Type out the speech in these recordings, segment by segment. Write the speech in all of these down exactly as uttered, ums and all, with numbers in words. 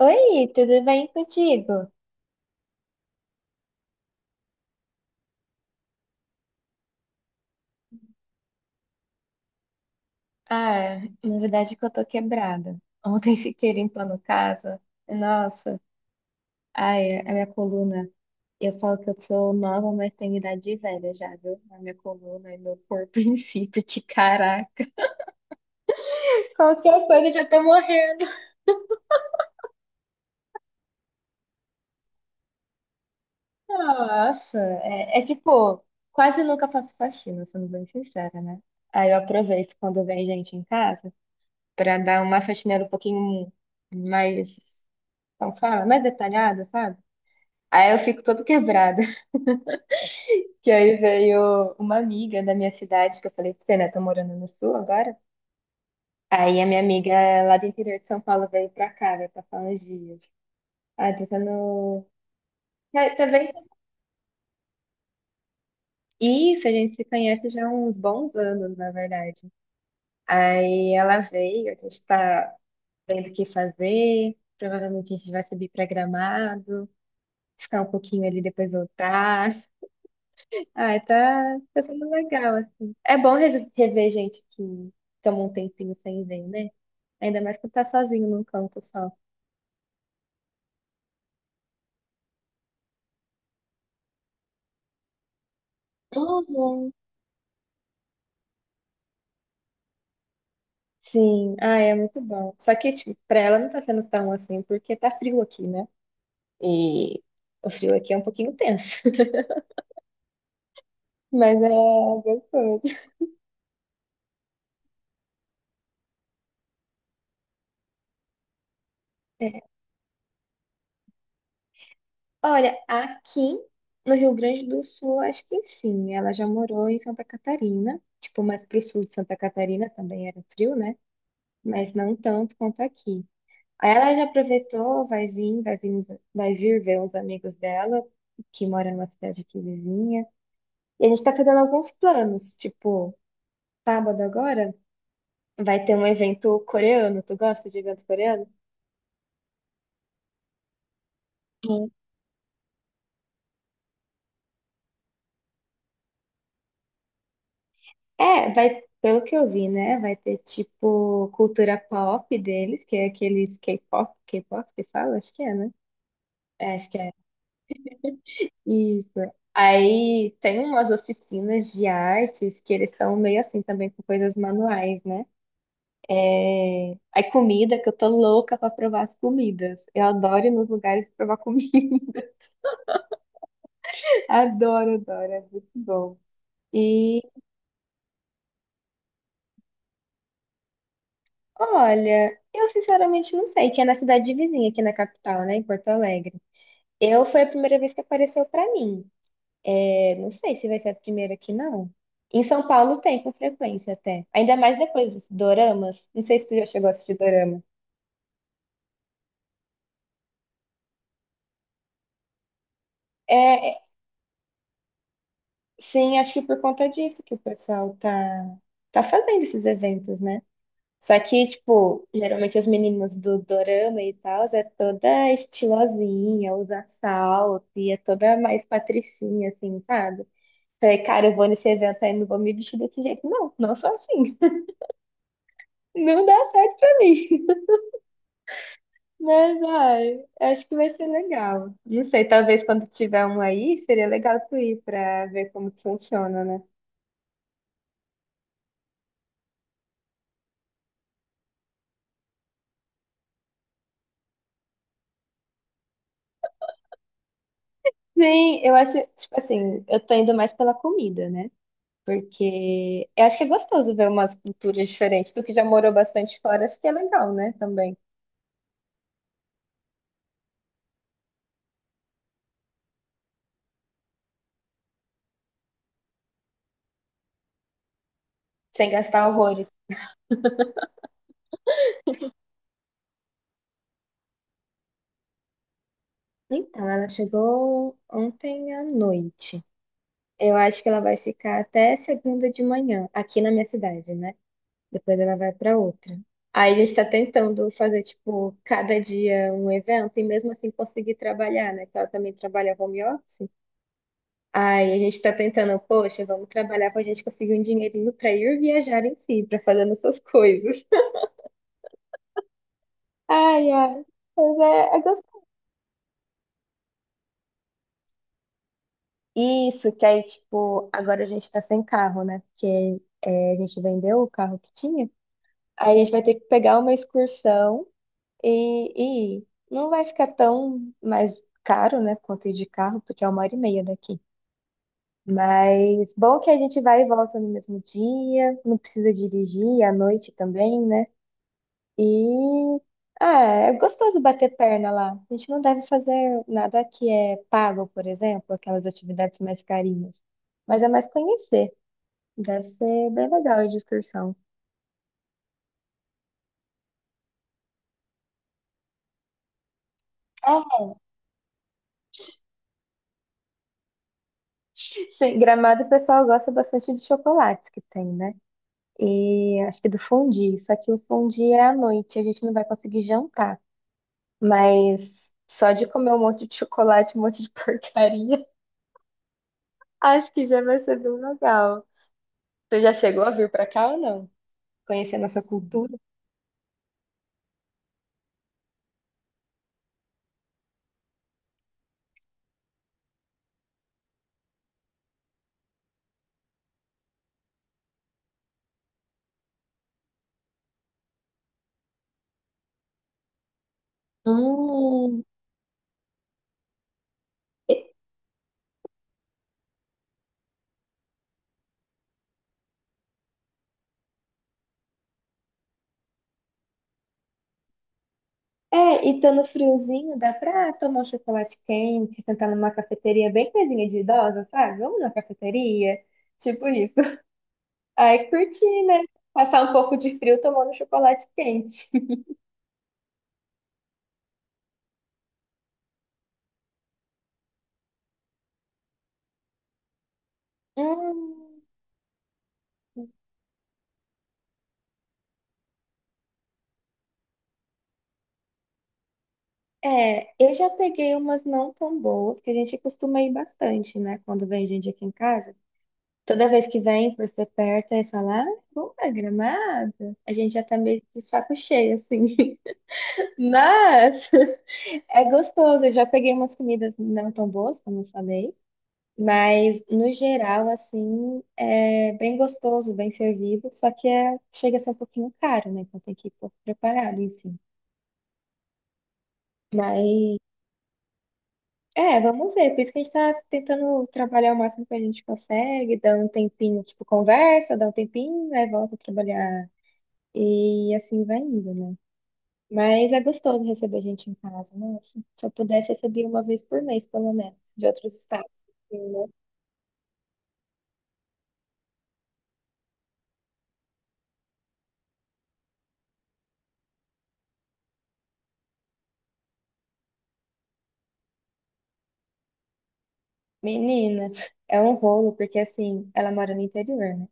Oi, tudo bem contigo? Ah, na verdade é que eu tô quebrada. Ontem fiquei limpando casa. Nossa, ai, a minha coluna. Eu falo que eu sou nova, mas tenho idade de velha já, viu? A minha coluna e meu corpo em si, porque caraca, qualquer coisa eu já tô morrendo. Nossa, é, é tipo, quase nunca faço faxina, sendo bem sincera, né? Aí eu aproveito quando vem gente em casa pra dar uma faxineira um pouquinho mais. Então, fala mais detalhada, sabe? Aí eu fico toda quebrada. Que aí veio uma amiga da minha cidade, que eu falei pra você, né? Tô morando no sul agora. Aí a minha amiga eh, lá do interior de São Paulo veio pra cá, veio passar uns dias. Ah, tá no. É, tá bem- Isso, a gente se conhece já há uns bons anos, na verdade. Aí ela veio, a gente tá vendo o que fazer. Provavelmente a gente vai subir pra Gramado, ficar um pouquinho ali, depois voltar. Ah, tá, tá sendo legal, assim. É bom res- rever gente que toma um tempinho sem ver, né? Ainda mais quando tá sozinho num canto só. Uhum. Sim, ah, é muito bom. Só que, tipo, pra ela não tá sendo tão assim, porque tá frio aqui, né? E o frio aqui é um pouquinho tenso. Mas é gostoso. É. Olha, aqui no Rio Grande do Sul, acho que sim. Ela já morou em Santa Catarina, tipo, mais pro sul de Santa Catarina também era frio, né? Mas não tanto quanto aqui. Aí Ela já aproveitou, vai vir, vai vir, uns- vai vir ver uns amigos dela, que moram numa cidade aqui vizinha. E a gente tá fazendo alguns planos, tipo, sábado agora vai ter um evento coreano. Tu gosta de evento coreano? Sim. É, vai, pelo que eu vi, né? Vai ter tipo cultura pop deles, que é aqueles K-pop, K-pop que fala, acho que é, né? É, acho que é. Isso. Aí tem umas oficinas de artes que eles são meio assim também com coisas manuais, né? É, aí comida, que eu tô louca pra provar as comidas. Eu adoro ir nos lugares provar comida. Adoro, adoro, é muito bom. E olha, eu sinceramente não sei, que é na cidade vizinha, aqui na capital, né, em Porto Alegre. Eu foi a primeira vez que apareceu pra mim. É, não sei se vai ser a primeira aqui, não. Em São Paulo tem com frequência até. Ainda mais depois dos doramas. Não sei se tu já chegou a assistir dorama. É, sim, acho que por conta disso que o pessoal tá, tá fazendo esses eventos, né? Só que, tipo, geralmente as meninas do dorama e tal, é toda estilosinha, usa salto e é toda mais patricinha, assim, sabe? Falei, cara, eu vou nesse evento aí, não vou me vestir desse jeito. Não, não sou assim. Não dá certo pra mim. Mas, ai, acho que vai ser legal. Não sei, talvez quando tiver um aí, seria legal tu ir pra ver como que funciona, né? Sim, eu acho, tipo assim, eu tô indo mais pela comida, né? Porque eu acho que é gostoso ver umas culturas diferentes. Tu que já morou bastante fora, acho que é legal, né? Também. Sem gastar horrores. Então, ela chegou ontem à noite. Eu acho que ela vai ficar até segunda de manhã, aqui na minha cidade, né? Depois ela vai para outra. Aí a gente está tentando fazer, tipo, cada dia um evento e mesmo assim conseguir trabalhar, né? Que ela também trabalha home office. Aí a gente está tentando, poxa, vamos trabalhar para a gente conseguir um dinheirinho para ir viajar em si, para fazer nossas coisas. Ai, ai. Mas é, é gostoso. Isso, que aí, tipo, agora a gente tá sem carro, né? Porque é, a gente vendeu o carro que tinha. Aí a gente vai ter que pegar uma excursão e, e ir. Não vai ficar tão mais caro, né? Quanto ir de carro, porque é uma hora e meia daqui. Mas bom que a gente vai e volta no mesmo dia, não precisa dirigir à noite também, né? E ah, é gostoso bater perna lá. A gente não deve fazer nada que é pago, por exemplo, aquelas atividades mais carinhas. Mas é mais conhecer. Deve ser bem legal a excursão. É, sim, Gramado o pessoal gosta bastante de chocolates que tem, né? E acho que do fondue. Só que o fondue é à noite, a gente não vai conseguir jantar. Mas só de comer um monte de chocolate, um monte de porcaria, acho que já vai ser bem legal. Você já chegou a vir pra cá ou não, conhecer a nossa cultura? Hum, E- É, e tá no friozinho, dá pra tomar um chocolate quente, sentar numa cafeteria bem coisinha de idosa, sabe? Vamos na cafeteria, tipo isso. Aí curtir, né? Passar um pouco de frio tomando chocolate quente. Hum, é, eu já peguei umas não tão boas, que a gente costuma ir bastante, né? Quando vem gente aqui em casa. Toda vez que vem, por ser perto, aí fala, ah, vamos pra Gramado? A gente já tá meio de saco cheio, assim. Mas é gostoso. Eu já peguei umas comidas não tão boas, como eu falei. Mas, no geral, assim, é bem gostoso, bem servido. Só que é, chega a ser um pouquinho caro, né? Então tem que ir um pouco preparado em si. Mas, é, vamos ver. Por isso que a gente tá tentando trabalhar o máximo que a gente consegue. Dá um tempinho, tipo, conversa, dá um tempinho, aí volta a trabalhar. E assim vai indo, né? Mas é gostoso receber gente em casa, né? Se se eu pudesse, receber uma vez por mês, pelo menos, de outros estados. assim, né? Menina, é um rolo, porque assim, ela mora no interior, né?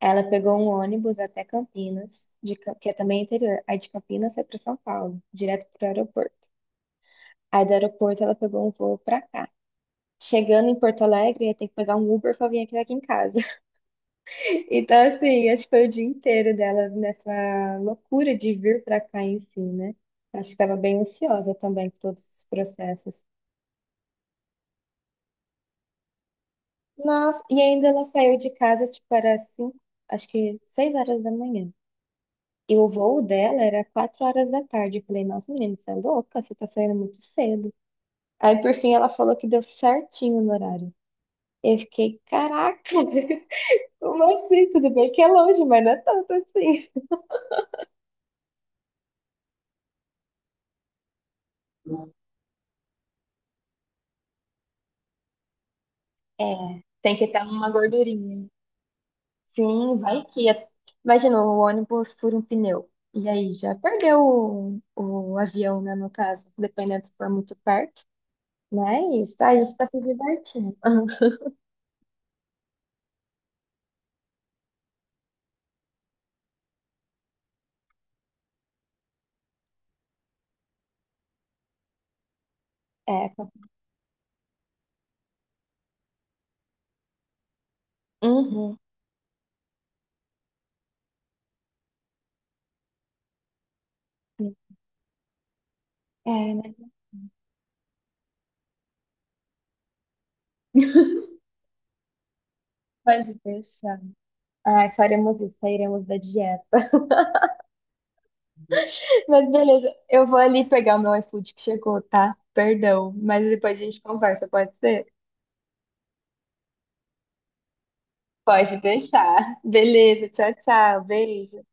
Ela pegou um ônibus até Campinas, de Cam- que é também interior. Aí de Campinas foi para São Paulo, direto para o aeroporto. Aí do aeroporto ela pegou um voo para cá. Chegando em Porto Alegre, ia ter que pegar um Uber para vir aqui, aqui em casa. Então, assim, acho que foi o dia inteiro dela nessa loucura de vir pra cá em si, né? Acho que estava bem ansiosa também com todos esses processos. Nossa, e ainda ela saiu de casa, tipo, era cinco, acho que seis horas da manhã. E o voo dela era quatro horas da tarde. Eu falei, nossa, menina, você é louca? Você tá saindo muito cedo. Aí, por fim, ela falou que deu certinho no horário. Eu fiquei, caraca, como assim? Tudo bem que é longe, mas não é tanto assim. É, tem que ter uma gordurinha. Sim, vai que. É. Imagina o ônibus fura um pneu. E aí já perdeu o, o avião, né, no caso, dependendo se for muito perto. Mas tá, a gente tá se divertindo. É, tá- uhum. É, né? Pode deixar. Ai, faremos isso, sairemos da dieta. Mas beleza, eu vou ali pegar o meu iFood que chegou, tá? Perdão, mas depois a gente conversa, pode ser? Pode deixar. Beleza, tchau, tchau. Beijo.